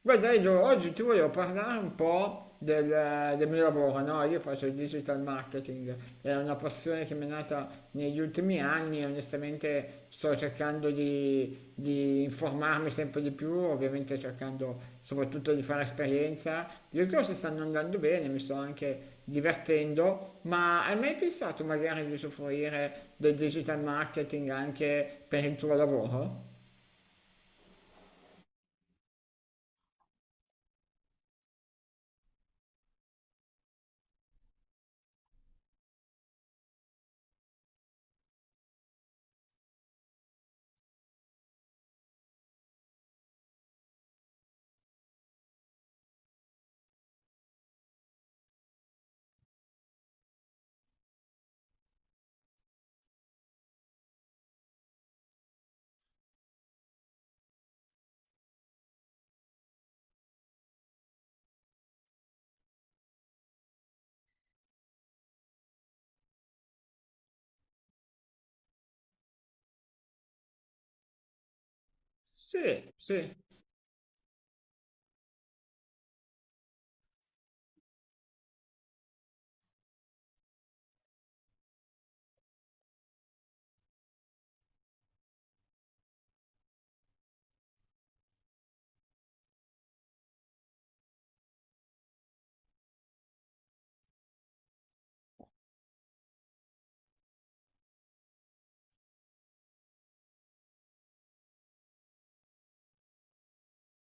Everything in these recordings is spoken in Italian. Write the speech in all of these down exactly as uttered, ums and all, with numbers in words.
Guarda, Edo, oggi ti volevo parlare un po' del, del mio lavoro, no? Io faccio il digital marketing, è una passione che mi è nata negli ultimi anni e onestamente sto cercando di, di informarmi sempre di più, ovviamente cercando soprattutto di fare esperienza. Le cose stanno andando bene, mi sto anche divertendo, ma hai mai pensato magari di usufruire del digital marketing anche per il tuo lavoro? Sì, sì.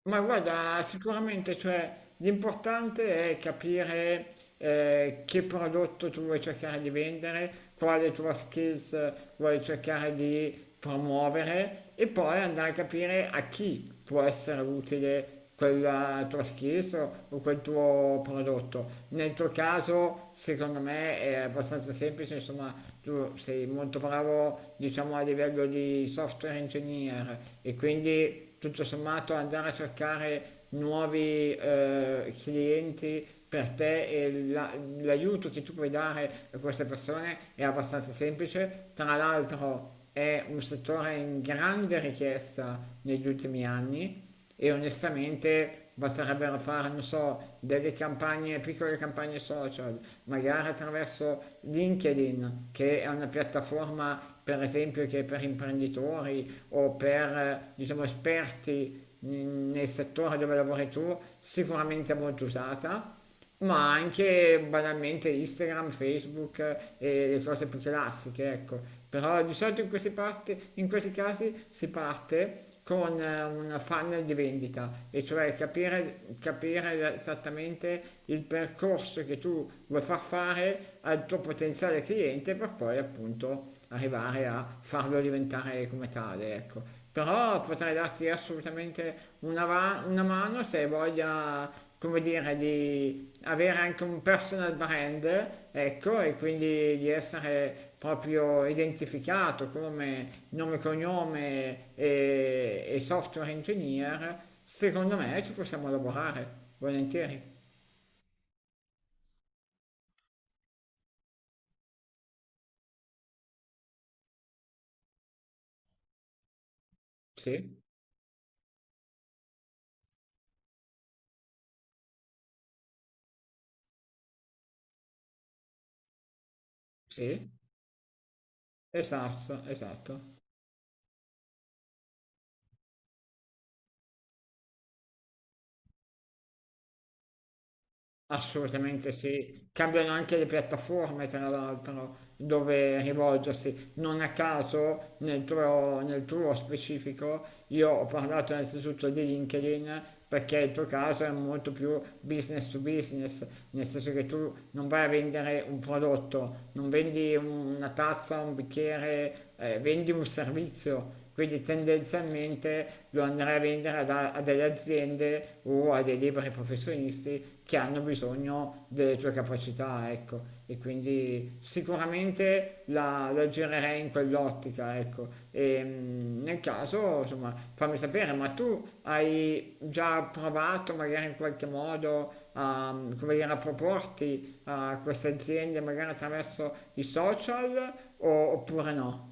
Ma guarda, sicuramente, cioè, l'importante è capire eh, che prodotto tu vuoi cercare di vendere, quale tua skills vuoi cercare di promuovere e poi andare a capire a chi può essere utile quella tua schiesa o quel tuo prodotto. Nel tuo caso, secondo me, è abbastanza semplice, insomma, tu sei molto bravo, diciamo, a livello di software engineer e quindi tutto sommato andare a cercare nuovi eh, clienti per te e la- l'aiuto che tu puoi dare a queste persone è abbastanza semplice. Tra l'altro è un settore in grande richiesta negli ultimi anni e onestamente basterebbero fare, non so, delle campagne, piccole campagne social, magari attraverso LinkedIn, che è una piattaforma per esempio che è per imprenditori o per eh, diciamo, esperti in- nel settore dove lavori tu, sicuramente molto usata, ma anche banalmente Instagram, Facebook, eh, e le cose più classiche, ecco. Però di solito in questi, parte- in questi casi si parte con eh, una funnel di vendita, e cioè capire, capire esattamente il percorso che tu vuoi far fare al tuo potenziale cliente per poi appunto arrivare a farlo diventare come tale, ecco. Però potrei darti assolutamente una, va- una mano se hai voglia, come dire, di avere anche un personal brand, ecco, e quindi di essere proprio identificato come nome, cognome e, e software engineer. Secondo me ci possiamo lavorare, volentieri. Sì, sì, esatto, esatto. Assolutamente sì, cambiano anche le piattaforme tra l'altro dove rivolgersi. Non a caso nel tuo, nel tuo specifico io ho parlato innanzitutto di LinkedIn perché il tuo caso è molto più business to business, nel senso che tu non vai a vendere un prodotto, non vendi una tazza, un bicchiere, eh, vendi un servizio. Quindi tendenzialmente lo andrai a vendere ad- a delle aziende o a dei liberi professionisti che hanno bisogno delle tue capacità, ecco. E quindi sicuramente la, la girerei in quell'ottica, ecco. E mm, nel caso, insomma, fammi sapere, ma tu hai già provato magari in qualche modo a, come dire, a proporti a queste aziende magari attraverso i social o- oppure no?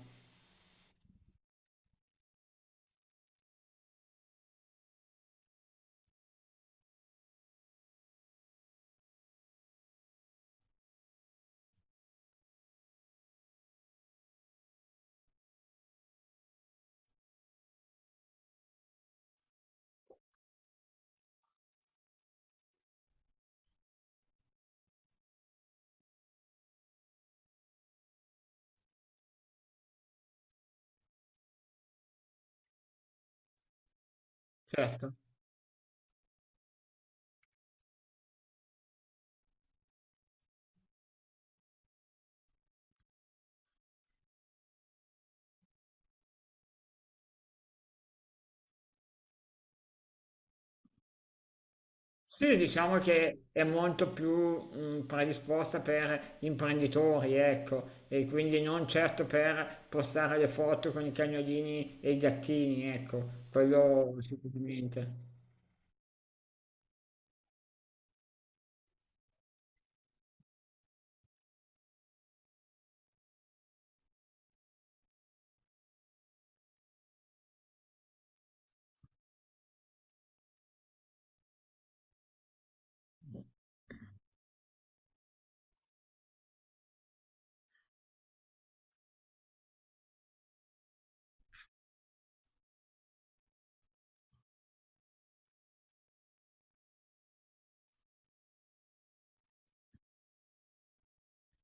Certo. Sì, diciamo che è molto più mh, predisposta per imprenditori, ecco, e quindi non certo per postare le foto con i cagnolini e i gattini, ecco, quello sicuramente.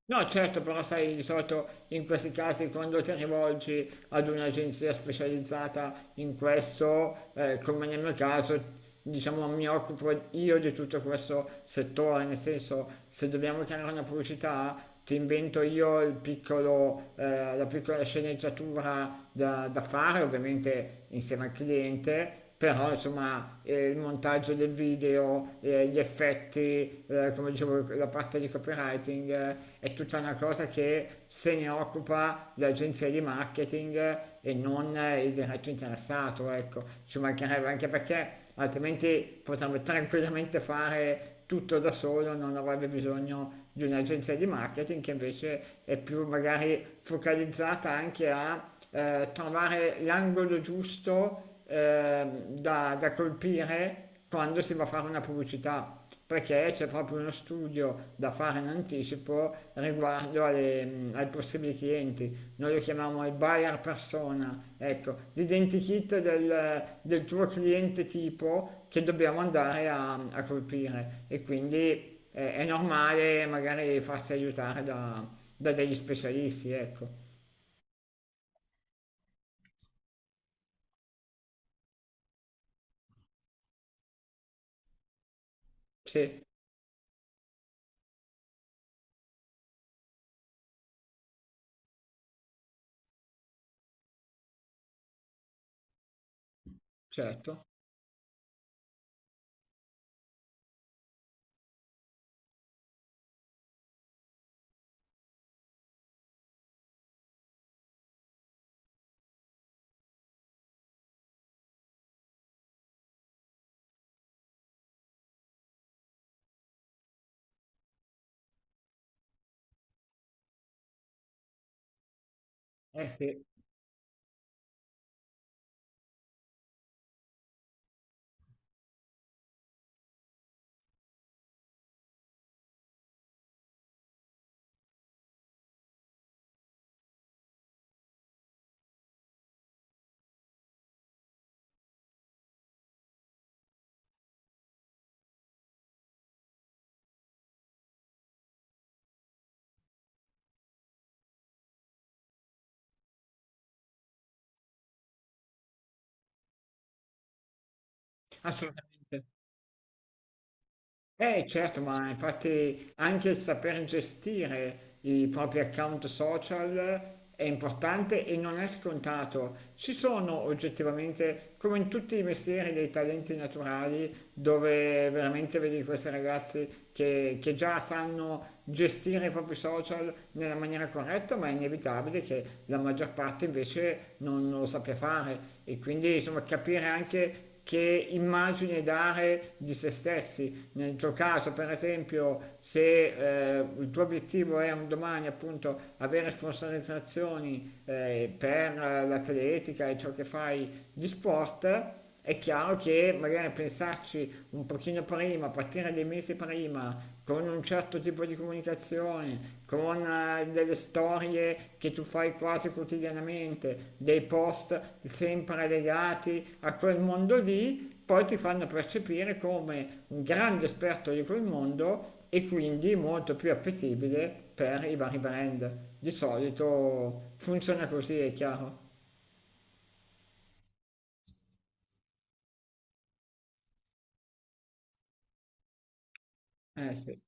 No, certo, però sai, di solito in questi casi quando ti rivolgi ad un'agenzia specializzata in questo, eh, come nel mio caso, diciamo mi occupo io di tutto questo settore, nel senso se dobbiamo creare una pubblicità ti invento io il piccolo, eh, la piccola sceneggiatura da, da fare, ovviamente insieme al cliente però insomma eh, il montaggio del video, eh, gli effetti, eh, come dicevo, la parte di copywriting eh, è tutta una cosa che se ne occupa l'agenzia di marketing eh, e non eh, il diretto interessato, ecco, ci mancherebbe anche perché altrimenti potrebbe tranquillamente fare tutto da solo, non avrebbe bisogno di un'agenzia di marketing che invece è più magari focalizzata anche a eh, trovare l'angolo giusto ehm, da, da colpire quando si va a fare una pubblicità, perché c'è proprio uno studio da fare in anticipo riguardo alle, mh, ai possibili clienti. Noi lo chiamiamo il buyer persona, ecco, l'identikit del, del tuo cliente tipo che dobbiamo andare a, a colpire e quindi eh, è normale magari farsi aiutare da, da degli specialisti, ecco. Sì, certo. Eh sì, assolutamente. Eh certo, ma infatti anche il saper gestire i propri account social è importante e non è scontato. Ci sono oggettivamente, come in tutti i mestieri, dei talenti naturali dove veramente vedi questi ragazzi che, che già sanno gestire i propri social nella maniera corretta, ma è inevitabile che la maggior parte invece non lo sappia fare e quindi insomma capire anche che immagine dare di se stessi. Nel tuo caso, per esempio, se eh, il tuo obiettivo è un domani appunto avere sponsorizzazioni eh, per l'atletica e ciò che fai di sport, è chiaro che magari pensarci un pochino prima, partire dei mesi prima con un certo tipo di comunicazione, con eh, delle storie che tu fai quasi quotidianamente, dei post sempre legati a quel mondo lì, poi ti fanno percepire come un grande esperto di quel mondo e quindi molto più appetibile per i vari brand. Di solito funziona così, è chiaro. Eh sì.